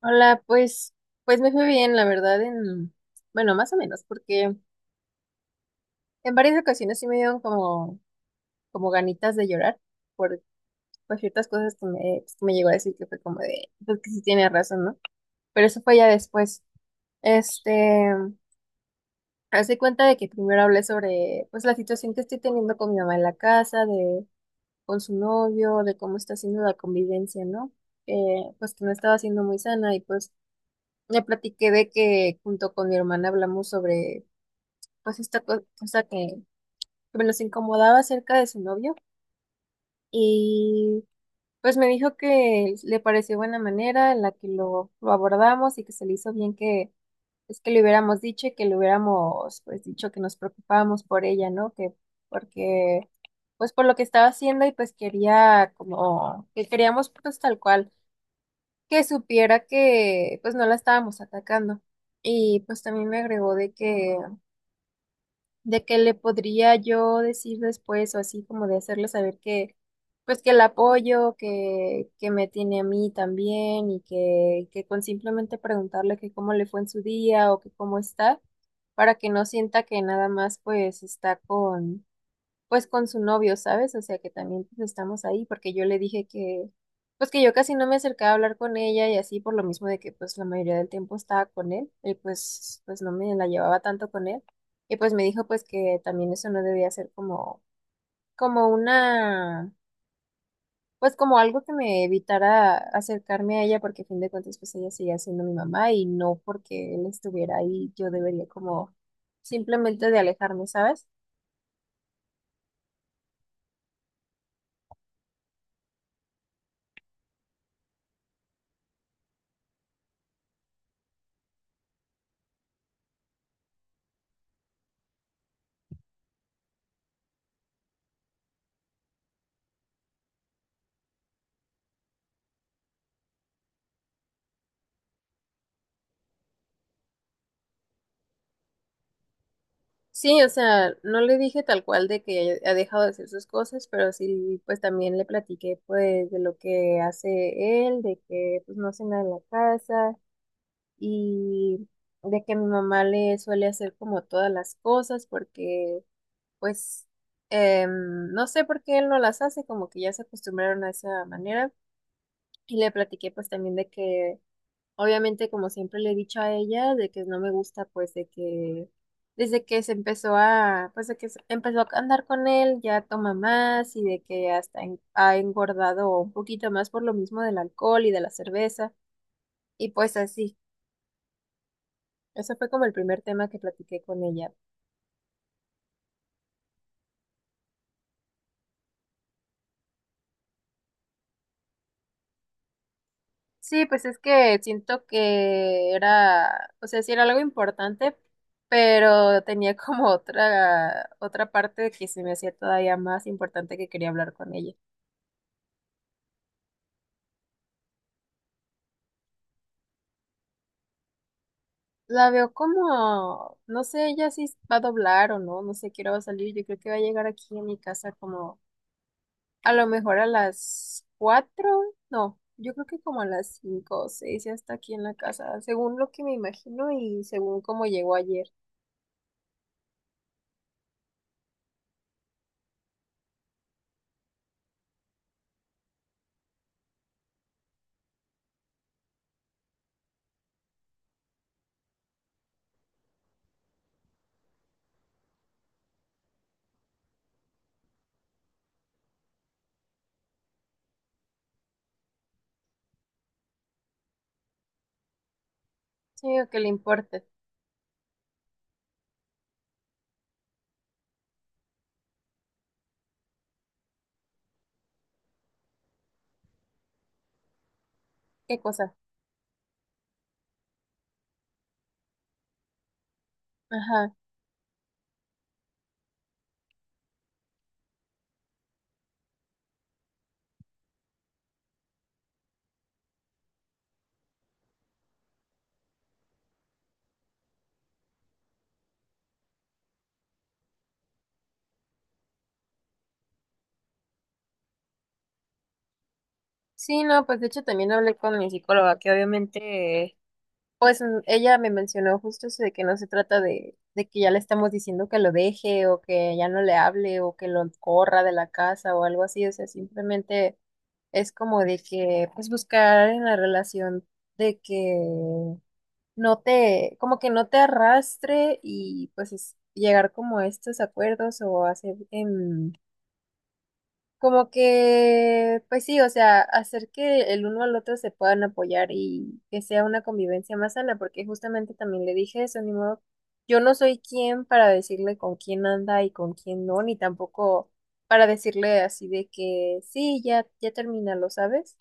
Hola, pues me fue bien, la verdad, bueno, más o menos, porque en varias ocasiones sí me dieron como ganitas de llorar por, por ciertas cosas pues, que me llegó a decir que fue como de, pues que sí tiene razón, ¿no? Pero eso fue ya después. Este, Hace cuenta de que primero hablé sobre, pues, la situación que estoy teniendo con mi mamá en la casa, con su novio, de cómo está haciendo la convivencia, ¿no? Pues que no estaba siendo muy sana y pues. Le platiqué de que junto con mi hermana hablamos sobre pues esta cosa que me los incomodaba acerca de su novio, y pues me dijo que le pareció buena manera en la que lo abordamos y que se le hizo bien que es que le hubiéramos dicho y que le hubiéramos pues dicho que nos preocupábamos por ella, ¿no? Que porque pues por lo que estaba haciendo y pues quería como que queríamos pues tal cual que supiera que pues no la estábamos atacando. Y pues también me agregó de que le podría yo decir después o así como de hacerle saber que pues que el apoyo que me tiene a mí también y que con simplemente preguntarle que cómo le fue en su día o que cómo está para que no sienta que nada más pues está con pues con su novio, ¿sabes? O sea que también pues, estamos ahí porque yo le dije que, pues que yo casi no me acercaba a hablar con ella y así por lo mismo de que pues la mayoría del tiempo estaba con él pues, no me la llevaba tanto con él, y pues me dijo pues que también eso no debía ser como, como una, pues como algo que me evitara acercarme a ella porque a fin de cuentas pues ella seguía siendo mi mamá y no porque él estuviera ahí yo debería como simplemente de alejarme, ¿sabes? Sí, o sea, no le dije tal cual de que ha dejado de hacer sus cosas, pero sí, pues también le platiqué pues de lo que hace él, de que pues no hace nada en la casa y de que mi mamá le suele hacer como todas las cosas porque pues no sé por qué él no las hace, como que ya se acostumbraron a esa manera. Y le platiqué pues también de que obviamente, como siempre le he dicho a ella, de que no me gusta, pues de que desde que se empezó a, pues de que empezó a andar con él, ya toma más y de que hasta ha engordado un poquito más por lo mismo del alcohol y de la cerveza. Y pues así, eso fue como el primer tema que platiqué con ella. Sí, pues es que siento que era, o sea, sí era algo importante, pero tenía como otra parte que se me hacía todavía más importante que quería hablar con ella. La veo como, no sé ella si va a doblar o no, no sé qué hora va a salir, yo creo que va a llegar aquí a mi casa como a lo mejor a las 4, no, yo creo que como a las 5 o 6 ya está aquí en la casa, según lo que me imagino y según cómo llegó ayer. Sí, o que le importe, qué cosa. Ajá. Sí, no, pues de hecho también hablé con mi psicóloga, que obviamente, pues, ella me mencionó justo eso de que no se trata de que ya le estamos diciendo que lo deje o que ya no le hable o que lo corra de la casa o algo así, o sea, simplemente es como de que pues buscar en la relación de que como que no te arrastre y pues es llegar como a estos acuerdos o hacer como que, pues sí, o sea, hacer que el uno al otro se puedan apoyar y que sea una convivencia más sana, porque justamente también le dije eso, ni modo, yo no soy quien para decirle con quién anda y con quién no, ni tampoco para decirle así de que sí, ya, ya termínalo, ¿sabes?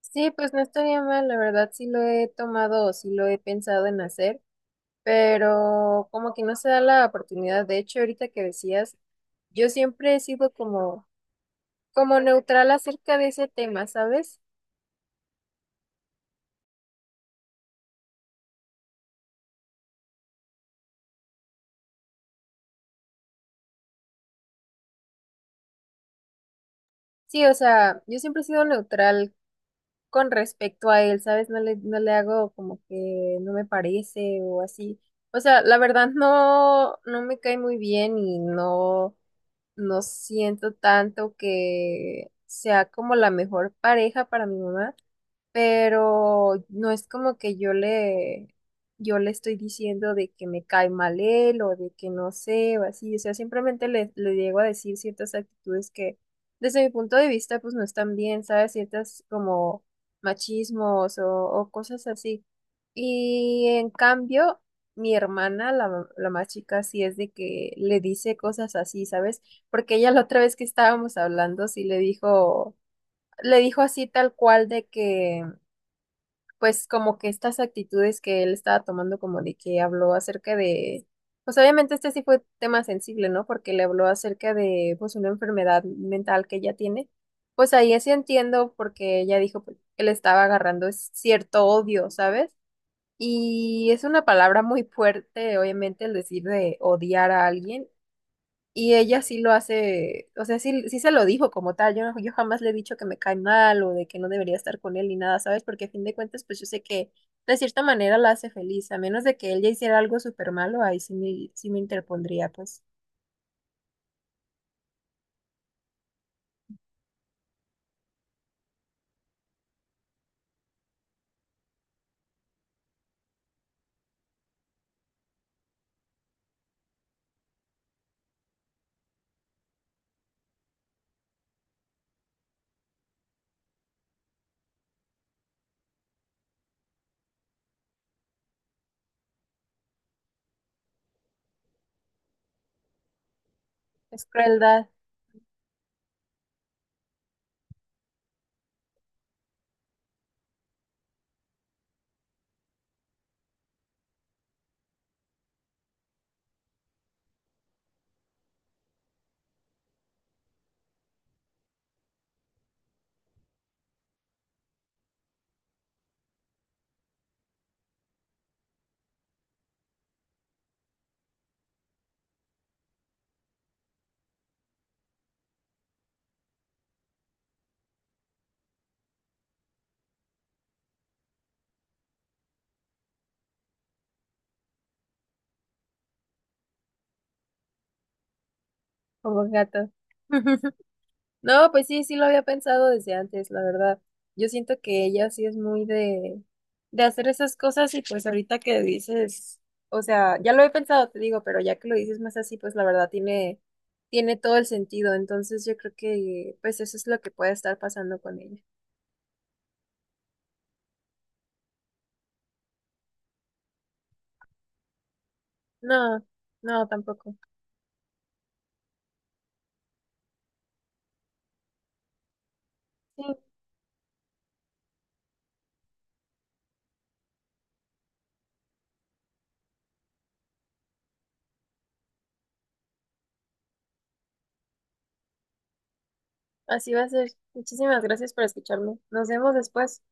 Sí, pues no estaría mal, la verdad sí lo he tomado o sí lo he pensado en hacer, pero como que no se da la oportunidad. De hecho, ahorita que decías, yo siempre he sido como neutral acerca de ese tema, ¿sabes? Sí, o sea, yo siempre he sido neutral con respecto a él, ¿sabes? No le hago como que no me parece o así. O sea, la verdad no me cae muy bien y no siento tanto que sea como la mejor pareja para mi mamá. Pero no es como que yo le estoy diciendo de que me cae mal él o de que no sé o así, o sea, simplemente le llego a decir ciertas actitudes que desde mi punto de vista pues no están bien, ¿sabes? Ciertas como machismos o cosas así. Y en cambio, mi hermana, la más chica, sí es de que le dice cosas así, ¿sabes? Porque ella la otra vez que estábamos hablando, sí le dijo así tal cual de que pues como que estas actitudes que él estaba tomando, como de que habló acerca de, pues obviamente este sí fue tema sensible, ¿no? Porque le habló acerca de pues una enfermedad mental que ella tiene. Pues ahí sí entiendo porque ella dijo pues, que le estaba agarrando cierto odio, ¿sabes? Y es una palabra muy fuerte, obviamente, el decir de odiar a alguien, y ella sí lo hace, o sea, sí, sí se lo dijo como tal. Yo jamás le he dicho que me cae mal o de que no debería estar con él ni nada, ¿sabes? Porque a fin de cuentas, pues yo sé que de cierta manera la hace feliz, a menos de que ella hiciera algo súper malo, ahí sí me interpondría, pues. Es crueldad. Como un gato. No, pues sí, sí lo había pensado desde antes, la verdad. Yo siento que ella sí es muy de hacer esas cosas y pues ahorita que dices, o sea, ya lo he pensado, te digo, pero ya que lo dices más así, pues la verdad tiene todo el sentido. Entonces yo creo que pues eso es lo que puede estar pasando con ella. No, no, tampoco. Sí, así va a ser. Muchísimas gracias por escucharme. Nos vemos después.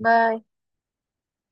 Bye.